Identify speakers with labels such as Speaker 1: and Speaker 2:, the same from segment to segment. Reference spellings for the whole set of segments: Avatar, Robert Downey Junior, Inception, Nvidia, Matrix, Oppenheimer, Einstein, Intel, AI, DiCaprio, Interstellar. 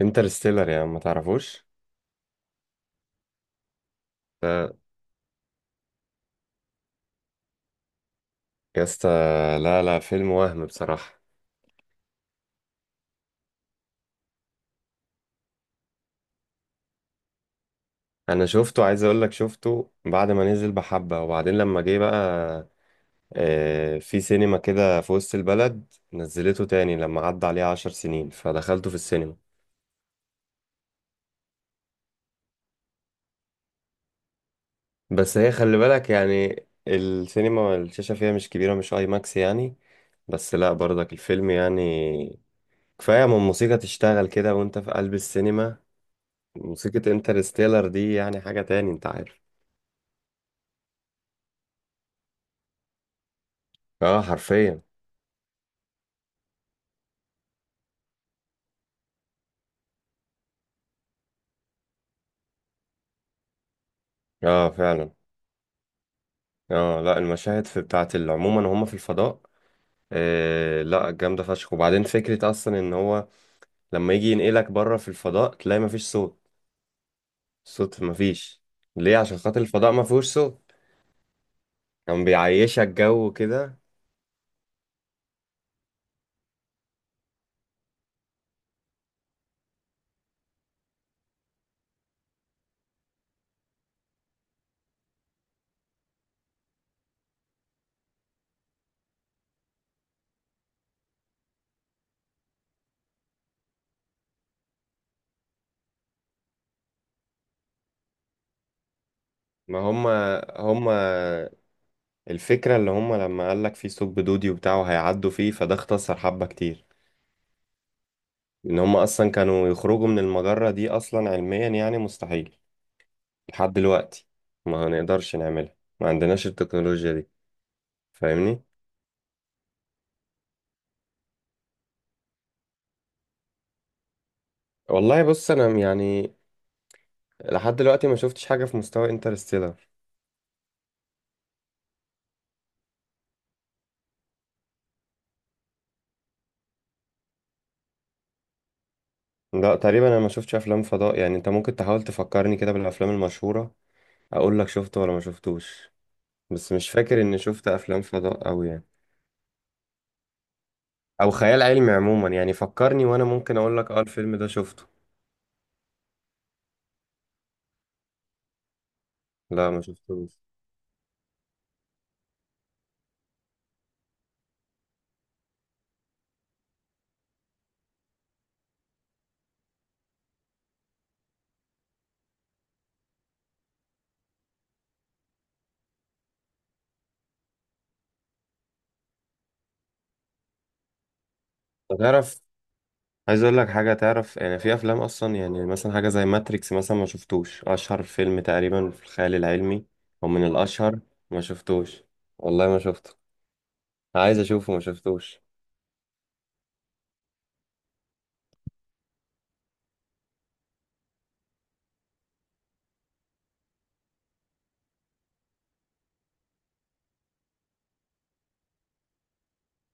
Speaker 1: انترستيلر يا عم ما تعرفوش. ده يا اسطى. لا لا، فيلم وهم بصراحة. انا شفته، عايز اقول لك شفته بعد ما نزل بحبة. وبعدين لما جه بقى في سينما كده في وسط البلد نزلته تاني لما عدى عليه 10 سنين فدخلته في السينما. بس هي خلي بالك يعني السينما الشاشة فيها مش كبيرة، مش اي ماكس يعني. بس لا برضك الفيلم يعني كفاية من موسيقى تشتغل كده وانت في قلب السينما. موسيقى انترستيلر دي يعني حاجة تاني، انت عارف. اه حرفيا. اه فعلا. اه لا، المشاهد في بتاعت عموما هم في الفضاء. آه لا، جامدة فشخ. وبعدين فكرة اصلا ان هو لما يجي ينقلك بره في الفضاء تلاقي مفيش صوت. صوت مفيش. ليه؟ عشان خاطر الفضاء مفيهوش صوت. كان بيعيشك جو كده. ما هم الفكرة اللي هم لما قالك في ثقب دودي وبتاعه هيعدوا فيه فده اختصر حبة كتير. ان هم اصلا كانوا يخرجوا من المجرة دي اصلا علميا يعني مستحيل لحد دلوقتي. ما هنقدرش نعملها، ما عندناش التكنولوجيا دي. فاهمني. والله بص انا يعني لحد دلوقتي ما شفتش حاجة في مستوى انترستيلر. لا، تقريبا انا ما شفتش افلام فضاء يعني. انت ممكن تحاول تفكرني كده بالافلام المشهورة، اقول لك شفته ولا ما شفتوش. بس مش فاكر اني شفت افلام فضاء أوي يعني. او خيال علمي عموما، يعني فكرني وانا ممكن اقول لك اه، الفيلم ده شفته. لا ما شفتوش. تعرف، عايز اقول لك حاجه. تعرف يعني في افلام اصلا يعني مثلا حاجه زي ماتريكس مثلا ما شفتوش؟ اشهر فيلم تقريبا في الخيال العلمي، او من الاشهر. ما شفتوش، والله ما شفته. عايز اشوفه، ما شفتوش.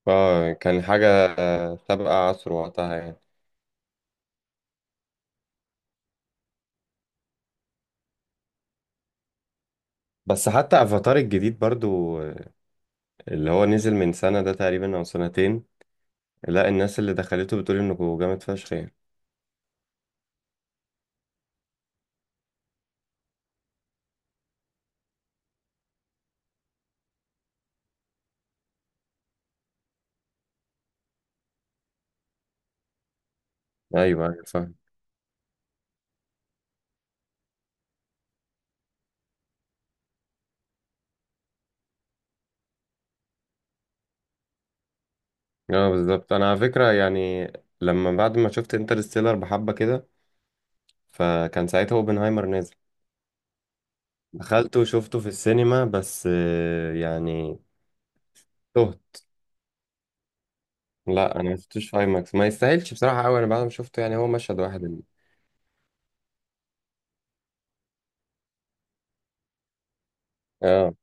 Speaker 1: اه كان حاجه سابقه عصر وقتها يعني. بس حتى افاتار الجديد برضو اللي هو نزل من سنه ده تقريبا او سنتين. لا الناس اللي دخلته بتقول انه جامد فشخ يعني. ايوه ايوه، فاهم. اه بالظبط، انا على فكره يعني لما بعد ما شفت انترستيلر بحبه كده فكان ساعتها اوبنهايمر نازل. دخلت وشفته في السينما، بس يعني تهت. لا انا ما شفتوش في اي ماكس، ما يستاهلش بصراحه قوي. انا بعد ما شفته يعني هو مشهد واحد اللي. اه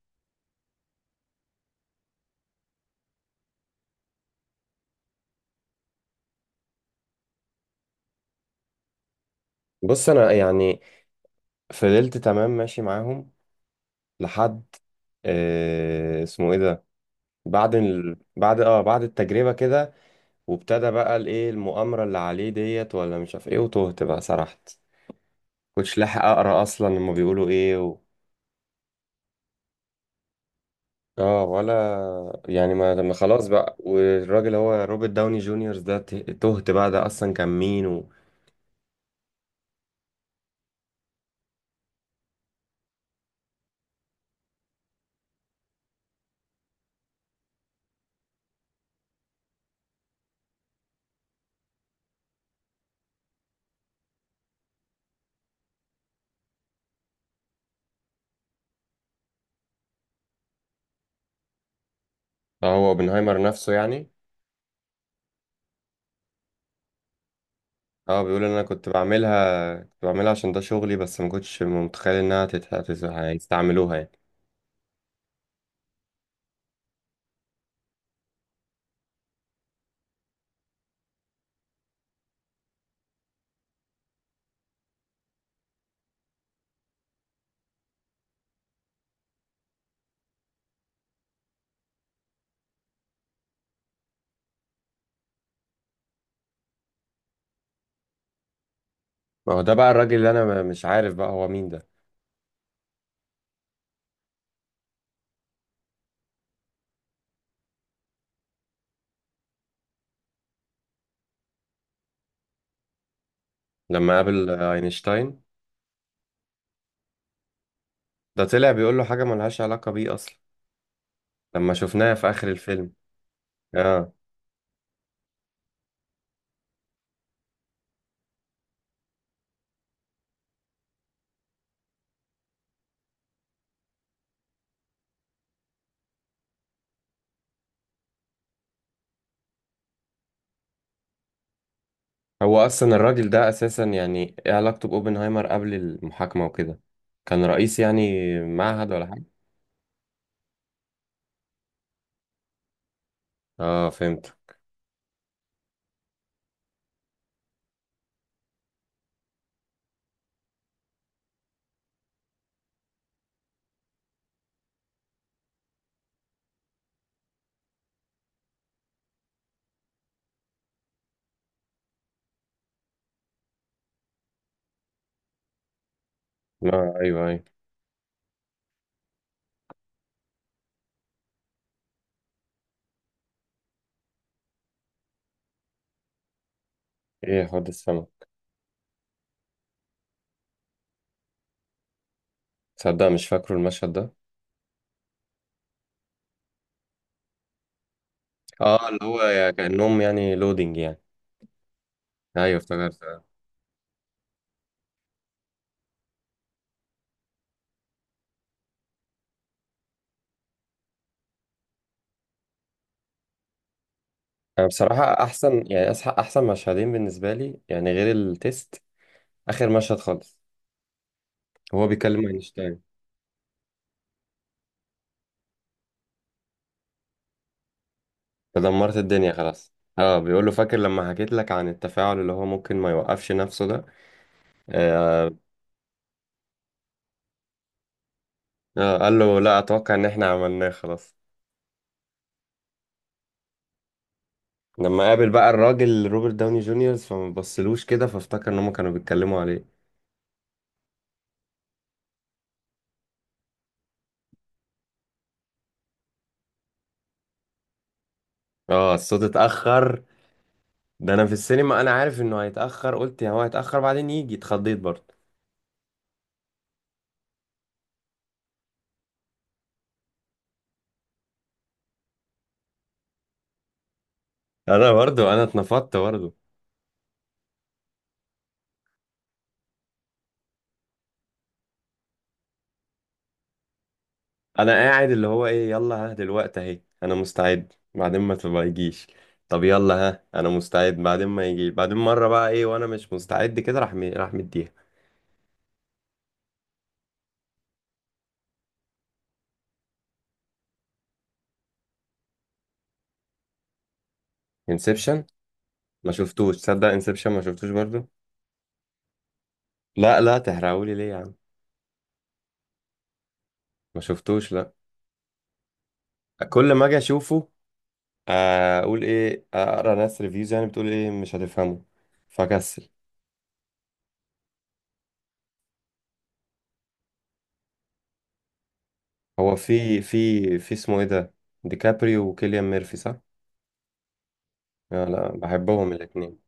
Speaker 1: بص انا يعني فضلت تمام ماشي معاهم لحد اسمه ايه ده، بعد اه بعد التجربه كده. وابتدى بقى الايه المؤامره اللي عليه ديت ولا مش عارف ايه، وتهت بقى سرحت. كنتش لاحق اقرا اصلا هما بيقولوا ايه. اه ولا يعني ما خلاص بقى، والراجل هو روبرت داوني جونيور ده تهت بقى ده اصلا كان مين هو اوبنهايمر نفسه يعني. اه بيقول انا كنت بعملها، كنت بعملها عشان ده شغلي، بس ما كنتش متخيل انها هيستعملوها يعني. ما هو ده بقى الراجل اللي انا مش عارف بقى هو مين ده. لما قابل اينشتاين ده طلع بيقول له حاجة ملهاش علاقة بيه اصلا لما شفناها في اخر الفيلم. اه هو اصلا الراجل ده اساسا يعني ايه علاقته باوبنهايمر قبل المحاكمه وكده؟ كان رئيس يعني معهد ولا حاجه؟ اه فهمت. ما ايوه ايوه. ايه حوض السما؟ تصدق مش فاكره المشهد ده. اه اللي هو يا كانهم يعني لودينج يعني. ايوه افتكرت آه. انا بصراحه احسن يعني احسن مشهدين بالنسبه لي يعني غير التيست، اخر مشهد خالص هو بيكلم اينشتاين. تدمرت الدنيا خلاص. اه بيقول له فاكر لما حكيت لك عن التفاعل اللي هو ممكن ما يوقفش نفسه ده آه، قال له لا، اتوقع ان احنا عملناه خلاص. لما قابل بقى الراجل روبرت داوني جونيور فما بصلوش كده فافتكر ان هم كانوا بيتكلموا عليه. اه الصوت اتاخر. ده انا في السينما انا عارف انه هيتاخر، قلت يا هو هيتاخر بعدين يجي، اتخضيت برضه. انا برضه انا اتنفضت برضه. انا قاعد اللي هو ايه يلا ها دلوقتي اهي انا مستعد بعدين ما تبقى يجيش. طب يلا ها انا مستعد بعدين ما يجي، بعدين مره بقى ايه وانا مش مستعد كده راح راح مديها. انسبشن، ما شفتوش تصدق. انسبشن ما شفتوش برضه. لا لا تحرقهولي ليه يا عم. ما شفتوش لا. كل ما اجي اشوفه اقول ايه، اقرا ناس ريفيوز يعني بتقول ايه مش هتفهمه، فكسل. هو في اسمه ايه ده، ديكابريو وكيليان ميرفي صح؟ لا بحبهم الاثنين.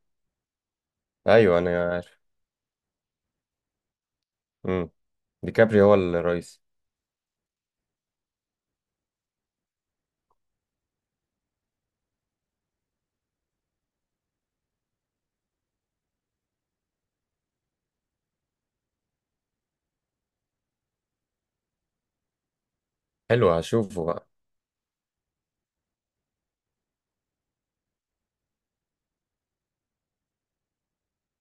Speaker 1: ايوه انا عارف. امم ديكابريو هو الرئيس. حلو هشوفه بقى.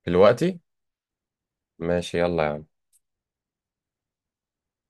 Speaker 1: دلوقتي؟ ماشي يلا يا عم.